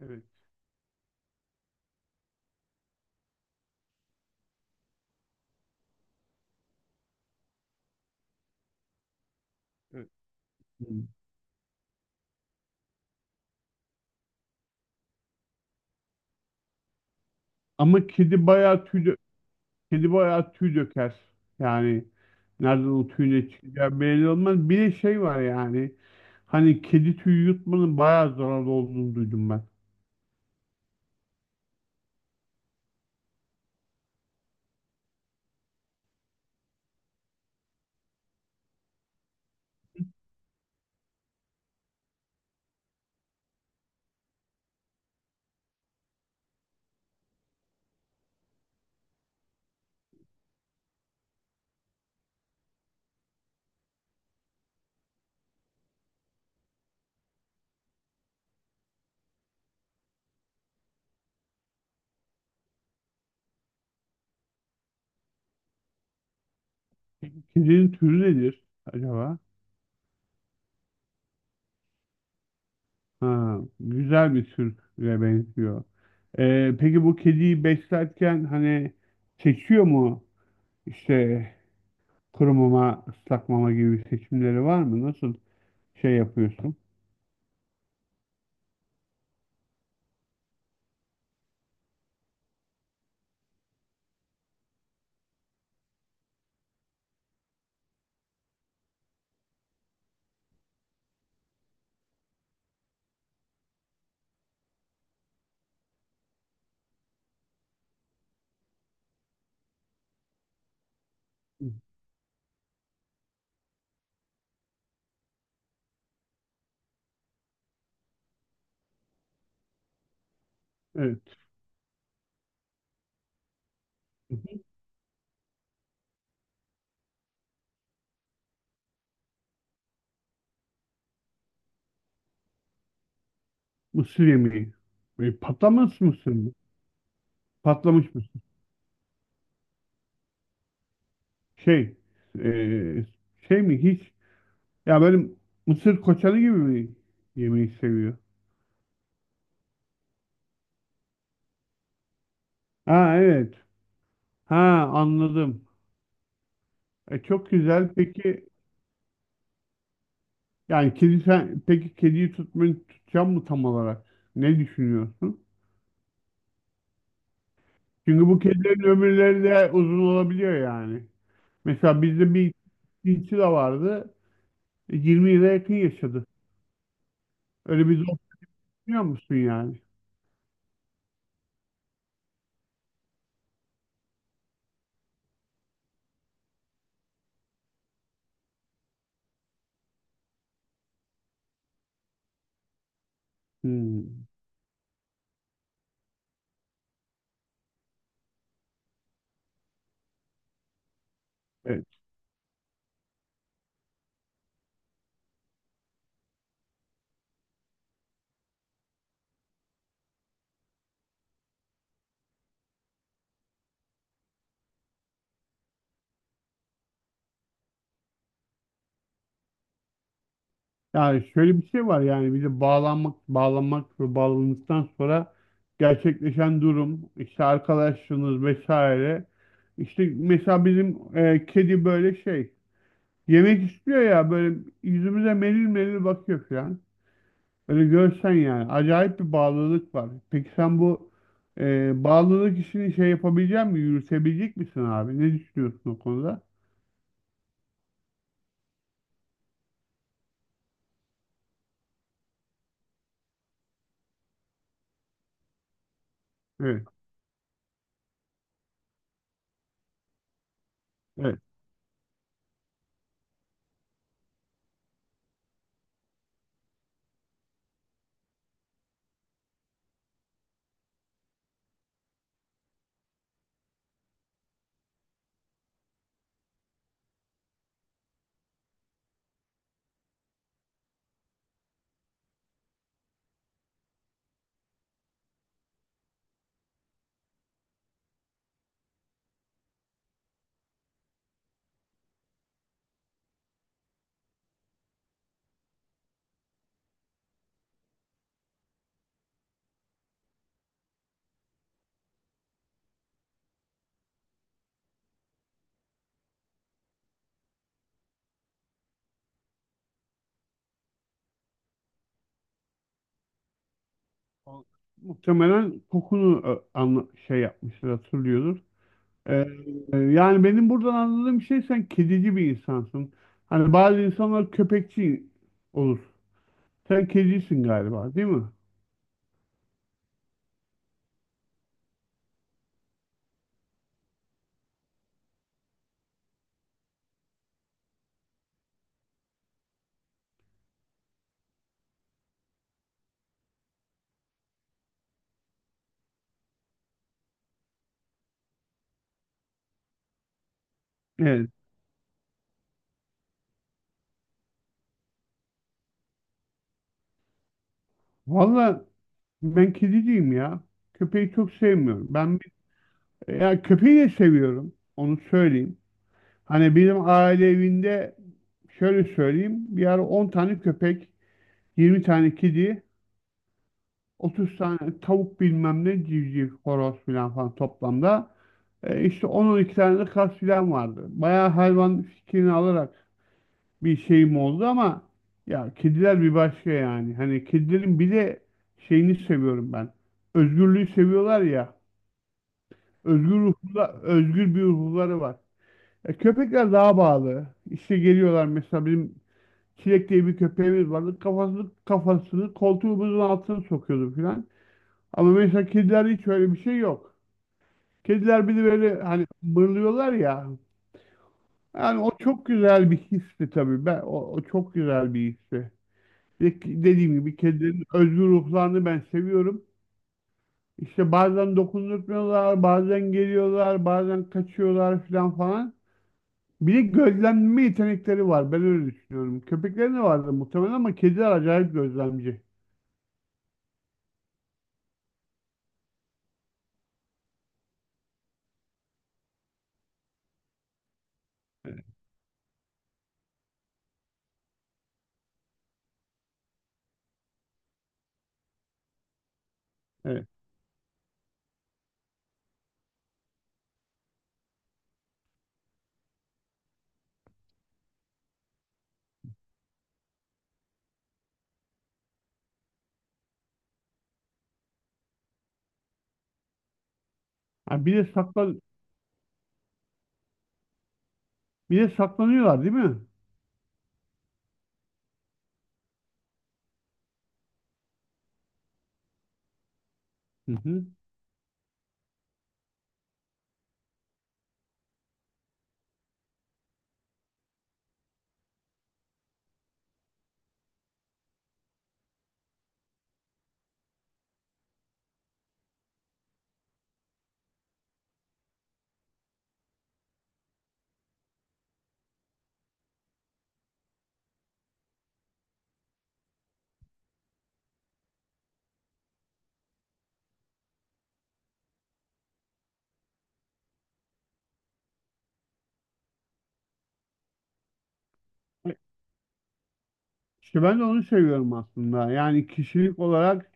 Evet, evet. Hı. Ama kedi bayağı tüy döker. Yani nereden o tüy ne çıkacağı belli olmaz. Bir de şey var yani. Hani kedi tüyü yutmanın bayağı zararlı olduğunu duydum ben. Peki kedinin türü nedir acaba? Ha, güzel bir türe benziyor. Peki bu kediyi beslerken hani seçiyor mu? İşte kuru mama, ıslak mama gibi seçimleri var mı? Nasıl şey yapıyorsun? Hı, evet. Mısır yemeği. Patlamış mısır mı? Patlamış mısır. Şey, e, şey mi hiç? Ya benim mısır koçanı gibi mi yemeği seviyor. Ha evet. Ha anladım. Çok güzel. Peki yani kedi sen peki kediyi tutmayı tutacağım mı tam olarak? Ne düşünüyorsun? Çünkü bu kedilerin ömürleri de uzun olabiliyor yani. Mesela bizde bir cinsi de vardı. 20 yıla yakın yaşadı. Öyle bir zor biliyor musun yani? Hmm. Evet. Yani şöyle bir şey var yani bir de bağlanmak, bağlanmak ve bağlandıktan sonra gerçekleşen durum, işte arkadaşlığınız vesaire. İşte mesela bizim kedi böyle şey yemek istiyor ya böyle yüzümüze melil melil bakıyor falan. Öyle görsen yani acayip bir bağlılık var. Peki sen bu bağlılık işini şey yapabilecek mi? Yürütebilecek misin abi? Ne düşünüyorsun o konuda? Evet. Evet. O- Muhtemelen kokunu şey yapmıştır hatırlıyordur. Ee, Yani benim buradan anladığım şey sen kedici bir insansın. Hani bazı insanlar köpekçi olur. Sen kedicisin galiba, değil mi? Evet. Valla ben kediciyim ya. Köpeği çok sevmiyorum. Ya köpeği de seviyorum. Onu söyleyeyim. Hani benim aile evinde şöyle söyleyeyim. Bir ara 10 tane köpek, 20 tane kedi, 30 tane tavuk bilmem ne civciv, horoz filan falan toplamda. İşte 10 iki tane de kaz filan vardı. Bayağı hayvan fikrini alarak bir şeyim oldu ama ya kediler bir başka yani. Hani kedilerin bir de şeyini seviyorum ben. Özgürlüğü seviyorlar ya. Özgür ruhlu, özgür bir ruhları var. Köpekler daha bağlı. İşte geliyorlar mesela benim Çilek diye bir köpeğimiz vardı. Kafasını koltuğumuzun altına sokuyordu filan. Ama mesela kedilerde hiç öyle bir şey yok. Kediler bir de böyle hani mırlıyorlar ya. Yani o çok güzel bir histi tabii. O çok güzel bir histi. Bir de dediğim gibi kedilerin özgür ruhlarını ben seviyorum. İşte bazen dokundurtmuyorlar, bazen geliyorlar, bazen kaçıyorlar filan falan. Bir de gözlemleme yetenekleri var. Ben öyle düşünüyorum. Köpeklerin de vardı muhtemelen ama kediler acayip gözlemci. Evet. Ha, bir de saklanıyorlar değil mi? Hı hı. İşte ben de onu seviyorum aslında. Yani kişilik olarak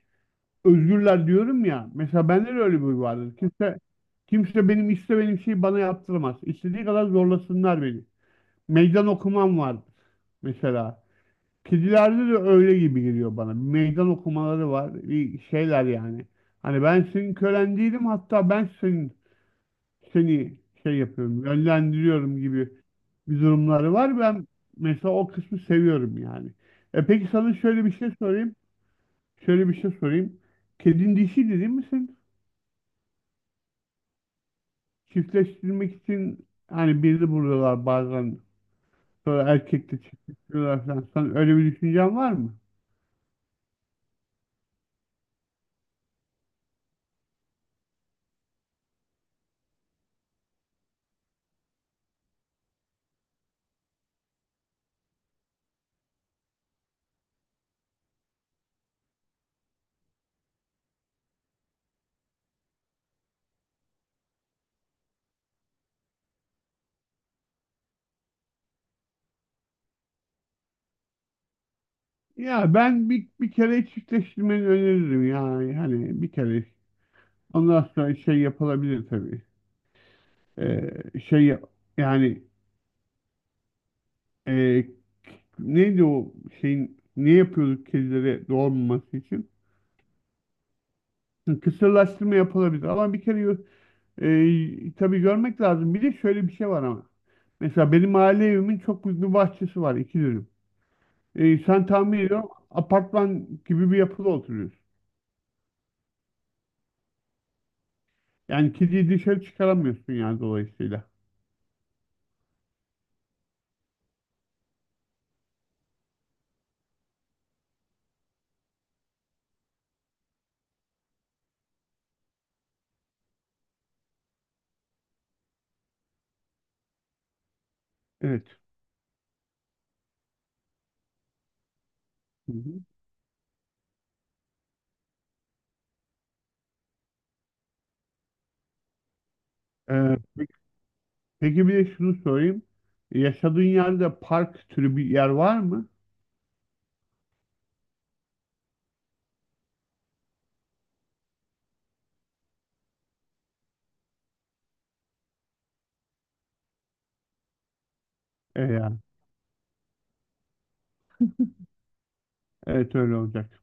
özgürler diyorum ya. Mesela bende de öyle bir huy vardır. Kimse benim istemediğim şeyi bana yaptıramaz. İstediği kadar zorlasınlar beni. Meydan okumam var mesela. Kedilerde de öyle gibi geliyor bana. Bir meydan okumaları var. Bir şeyler yani. Hani ben senin kölen değilim hatta ben senin seni şey yapıyorum, yönlendiriyorum gibi bir durumları var. Ben mesela o kısmı seviyorum yani. E peki sana şöyle bir şey sorayım. Şöyle bir şey sorayım. Kedin dişiydi değil misin? Çiftleştirmek için hani birini buluyorlar bazen. Sonra erkekle çiftleştiriyorlar falan. Sen öyle bir düşüncen var mı? Ya bir kere çiftleştirmeni öneririm yani. Hani bir kere. Ondan sonra şey yapılabilir tabii. E, şey yap- Yani e, neydi o şeyin ne yapıyorduk kedilere doğmaması için? Hı, kısırlaştırma yapılabilir ama bir kere yo- e, tabii görmek lazım. Bir de şöyle bir şey var ama. Mesela benim aile evimin çok büyük bir bahçesi var iki dönüm. E, sen tahmin ediyorum apartman gibi bir yapıda oturuyorsun. Yani kediyi dışarı çıkaramıyorsun yani dolayısıyla. Evet. Hı hı. E, pe- peki bir de şunu sorayım. Yaşadığın yerde park türü bir yer var mı? E, yani, evet öyle olacak.